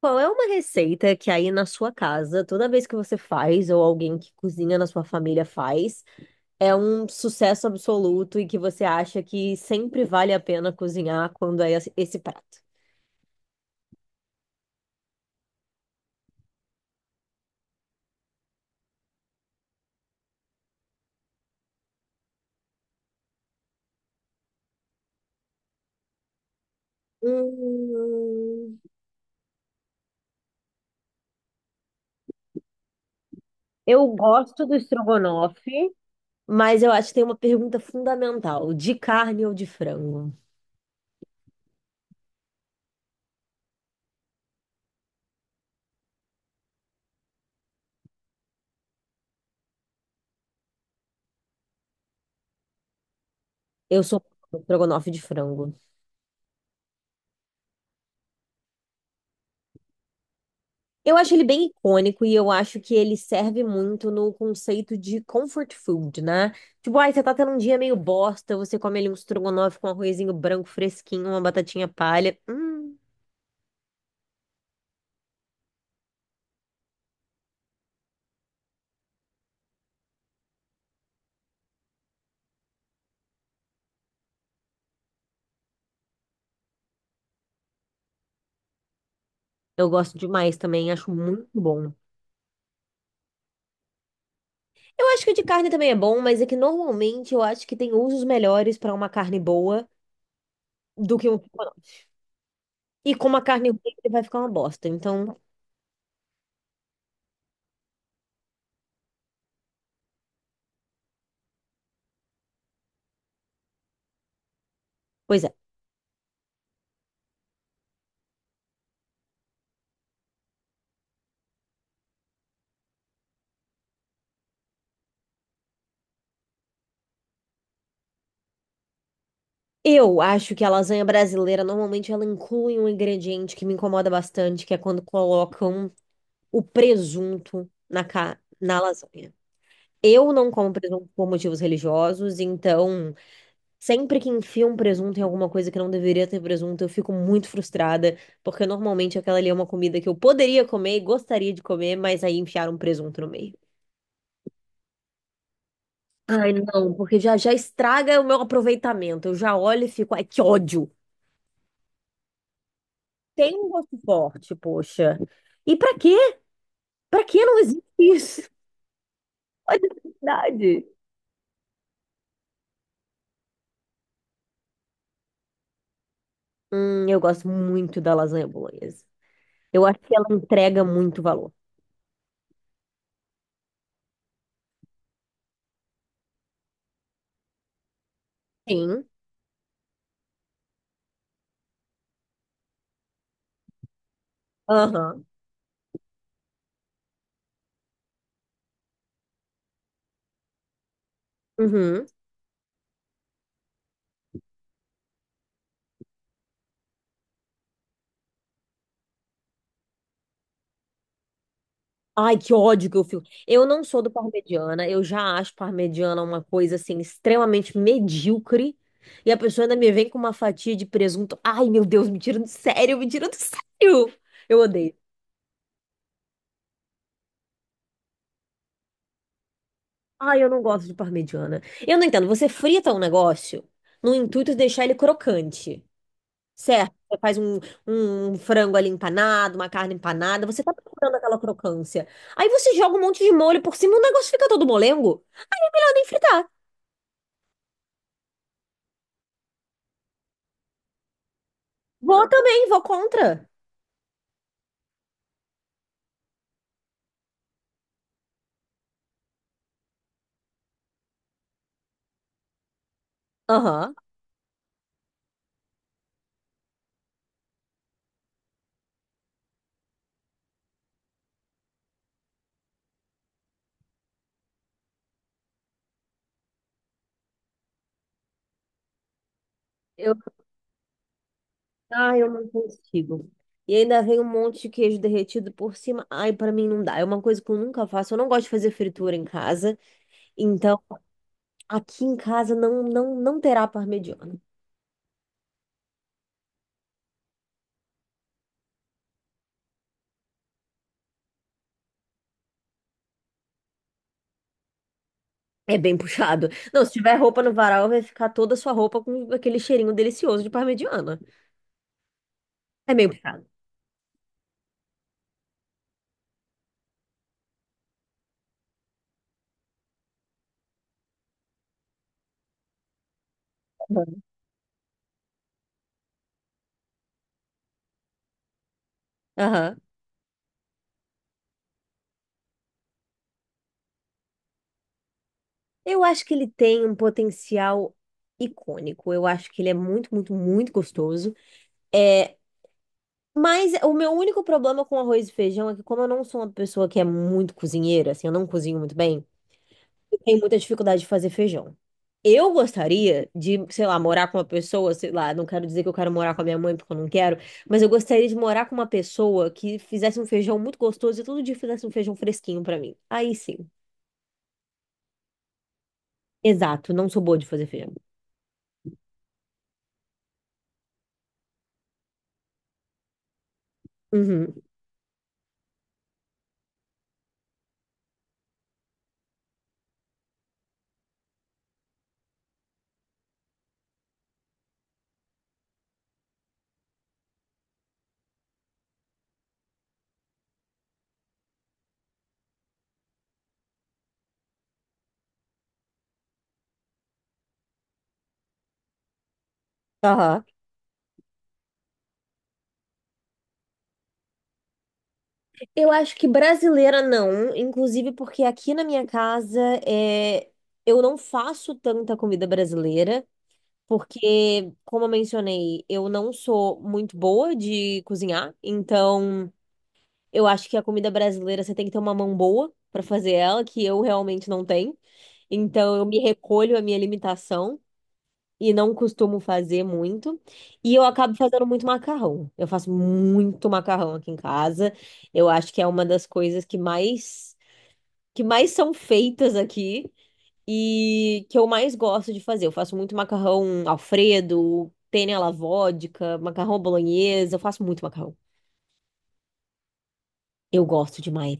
Qual é uma receita que aí na sua casa, toda vez que você faz, ou alguém que cozinha na sua família faz, é um sucesso absoluto e que você acha que sempre vale a pena cozinhar quando é esse prato? Hum, eu gosto do estrogonofe. Mas eu acho que tem uma pergunta fundamental: de carne ou de frango? Eu sou um estrogonofe de frango. Eu acho ele bem icônico e eu acho que ele serve muito no conceito de comfort food, né? Tipo, ai, você tá tendo um dia meio bosta, você come ali um estrogonofe com um arrozinho branco fresquinho, uma batatinha palha. Hum. Eu gosto demais também, acho muito bom. Eu acho que o de carne também é bom, mas é que normalmente eu acho que tem usos melhores pra uma carne boa do que um estrogonofe. E com uma carne ruim ele vai ficar uma bosta. Então, pois é. Eu acho que a lasanha brasileira normalmente ela inclui um ingrediente que me incomoda bastante, que é quando colocam o presunto na, ca... na lasanha. Eu não como presunto por motivos religiosos, então sempre que enfiam um presunto em alguma coisa que não deveria ter presunto, eu fico muito frustrada, porque normalmente aquela ali é uma comida que eu poderia comer, e gostaria de comer, mas aí enfiaram um presunto no meio. Ai, não, porque já estraga o meu aproveitamento. Eu já olho e fico, ai, que ódio. Tem um gosto forte, poxa. E pra quê? Pra que não existe isso? Olha a necessidade. Eu gosto muito da lasanha bolonhesa. Eu acho que ela entrega muito valor. Sim. Aham. Uhum. Ai, que ódio que eu fico. Eu não sou do parmegiana, eu já acho parmegiana uma coisa assim extremamente medíocre. E a pessoa ainda me vem com uma fatia de presunto. Ai, meu Deus, me tira do sério, me tira do sério. Eu odeio. Ai, eu não gosto de parmegiana. Eu não entendo, você frita um negócio no intuito de deixar ele crocante, certo? Você faz um, um frango ali empanado, uma carne empanada, você tá procurando aquela crocância. Aí você joga um monte de molho por cima e o negócio fica todo molengo. Ah, nem fritar. Vou também, vou contra. Aham. Eu, ah, eu não consigo. E ainda vem um monte de queijo derretido por cima. Ai, pra mim não dá. É uma coisa que eu nunca faço. Eu não gosto de fazer fritura em casa. Então, aqui em casa não terá parmegiana. É bem puxado. Não, se tiver roupa no varal, vai ficar toda a sua roupa com aquele cheirinho delicioso de parmegiana. É meio puxado. Aham. Aham. Eu acho que ele tem um potencial icônico. Eu acho que ele é muito, muito, muito gostoso. É. Mas o meu único problema com arroz e feijão é que, como eu não sou uma pessoa que é muito cozinheira, assim, eu não cozinho muito bem, eu tenho muita dificuldade de fazer feijão. Eu gostaria de, sei lá, morar com uma pessoa, sei lá, não quero dizer que eu quero morar com a minha mãe porque eu não quero, mas eu gostaria de morar com uma pessoa que fizesse um feijão muito gostoso e todo dia fizesse um feijão fresquinho pra mim. Aí sim. Exato, não sou boa de fazer feijão. Uhum. Aham. Eu acho que brasileira não, inclusive porque aqui na minha casa é, eu não faço tanta comida brasileira, porque, como eu mencionei, eu não sou muito boa de cozinhar, então eu acho que a comida brasileira você tem que ter uma mão boa pra fazer ela, que eu realmente não tenho, então eu me recolho à minha limitação e não costumo fazer muito, e eu acabo fazendo muito macarrão. Eu faço muito macarrão aqui em casa. Eu acho que é uma das coisas que mais são feitas aqui e que eu mais gosto de fazer. Eu faço muito macarrão Alfredo, penne alla vodka, macarrão bolonhesa, eu faço muito macarrão. Eu gosto demais.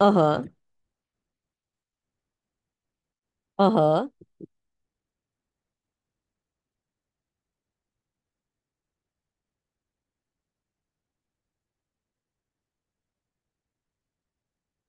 Aham, aham,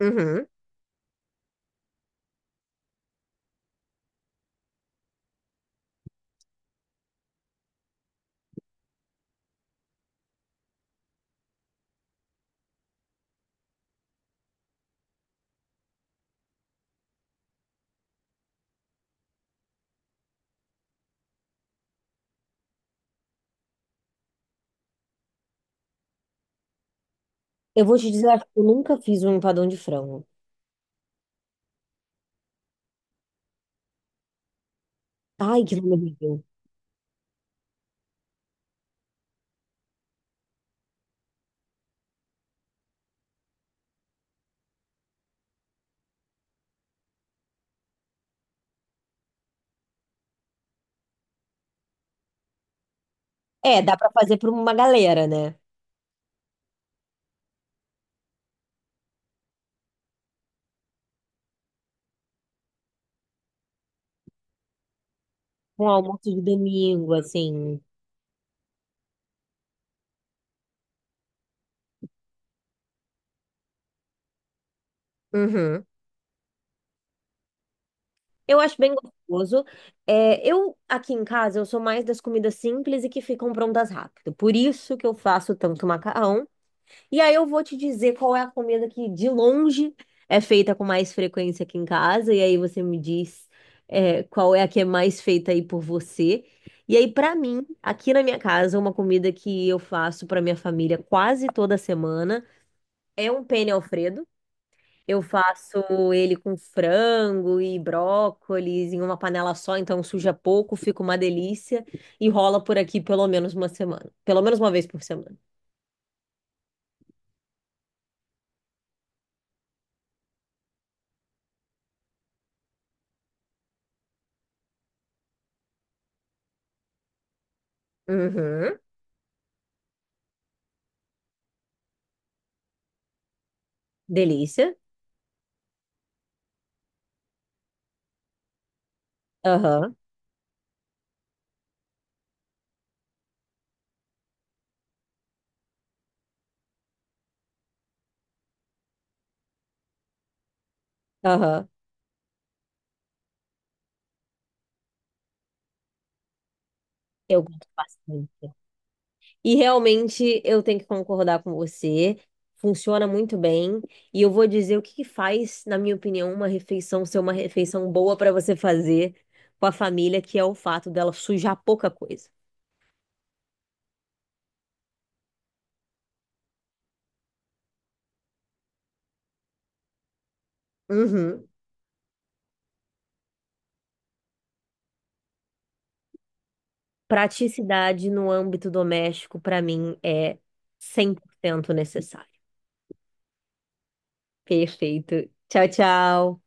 uhum. Eu vou te dizer, eu acho que eu nunca fiz um empadão de frango. Ai, que nome horrível. É, dá pra fazer pra uma galera, né? Um almoço de domingo, assim. Uhum. Eu acho bem gostoso. É, eu, aqui em casa, eu sou mais das comidas simples e que ficam prontas rápido. Por isso que eu faço tanto macarrão. E aí eu vou te dizer qual é a comida que, de longe, é feita com mais frequência aqui em casa. E aí você me diz, é, qual é a que é mais feita aí por você. E aí, pra mim, aqui na minha casa, uma comida que eu faço pra minha família quase toda semana é um penne Alfredo. Eu faço ele com frango e brócolis em uma panela só, então suja pouco, fica uma delícia e rola por aqui pelo menos uma semana. Pelo menos uma vez por semana. Uhum. Delícia. Aham, aham. Eu gosto bastante. E realmente eu tenho que concordar com você. Funciona muito bem. E eu vou dizer o que que faz, na minha opinião, uma refeição ser uma refeição boa para você fazer com a família, que é o fato dela sujar pouca coisa. Uhum. Praticidade no âmbito doméstico, para mim, é 100% necessário. Perfeito. Tchau, tchau.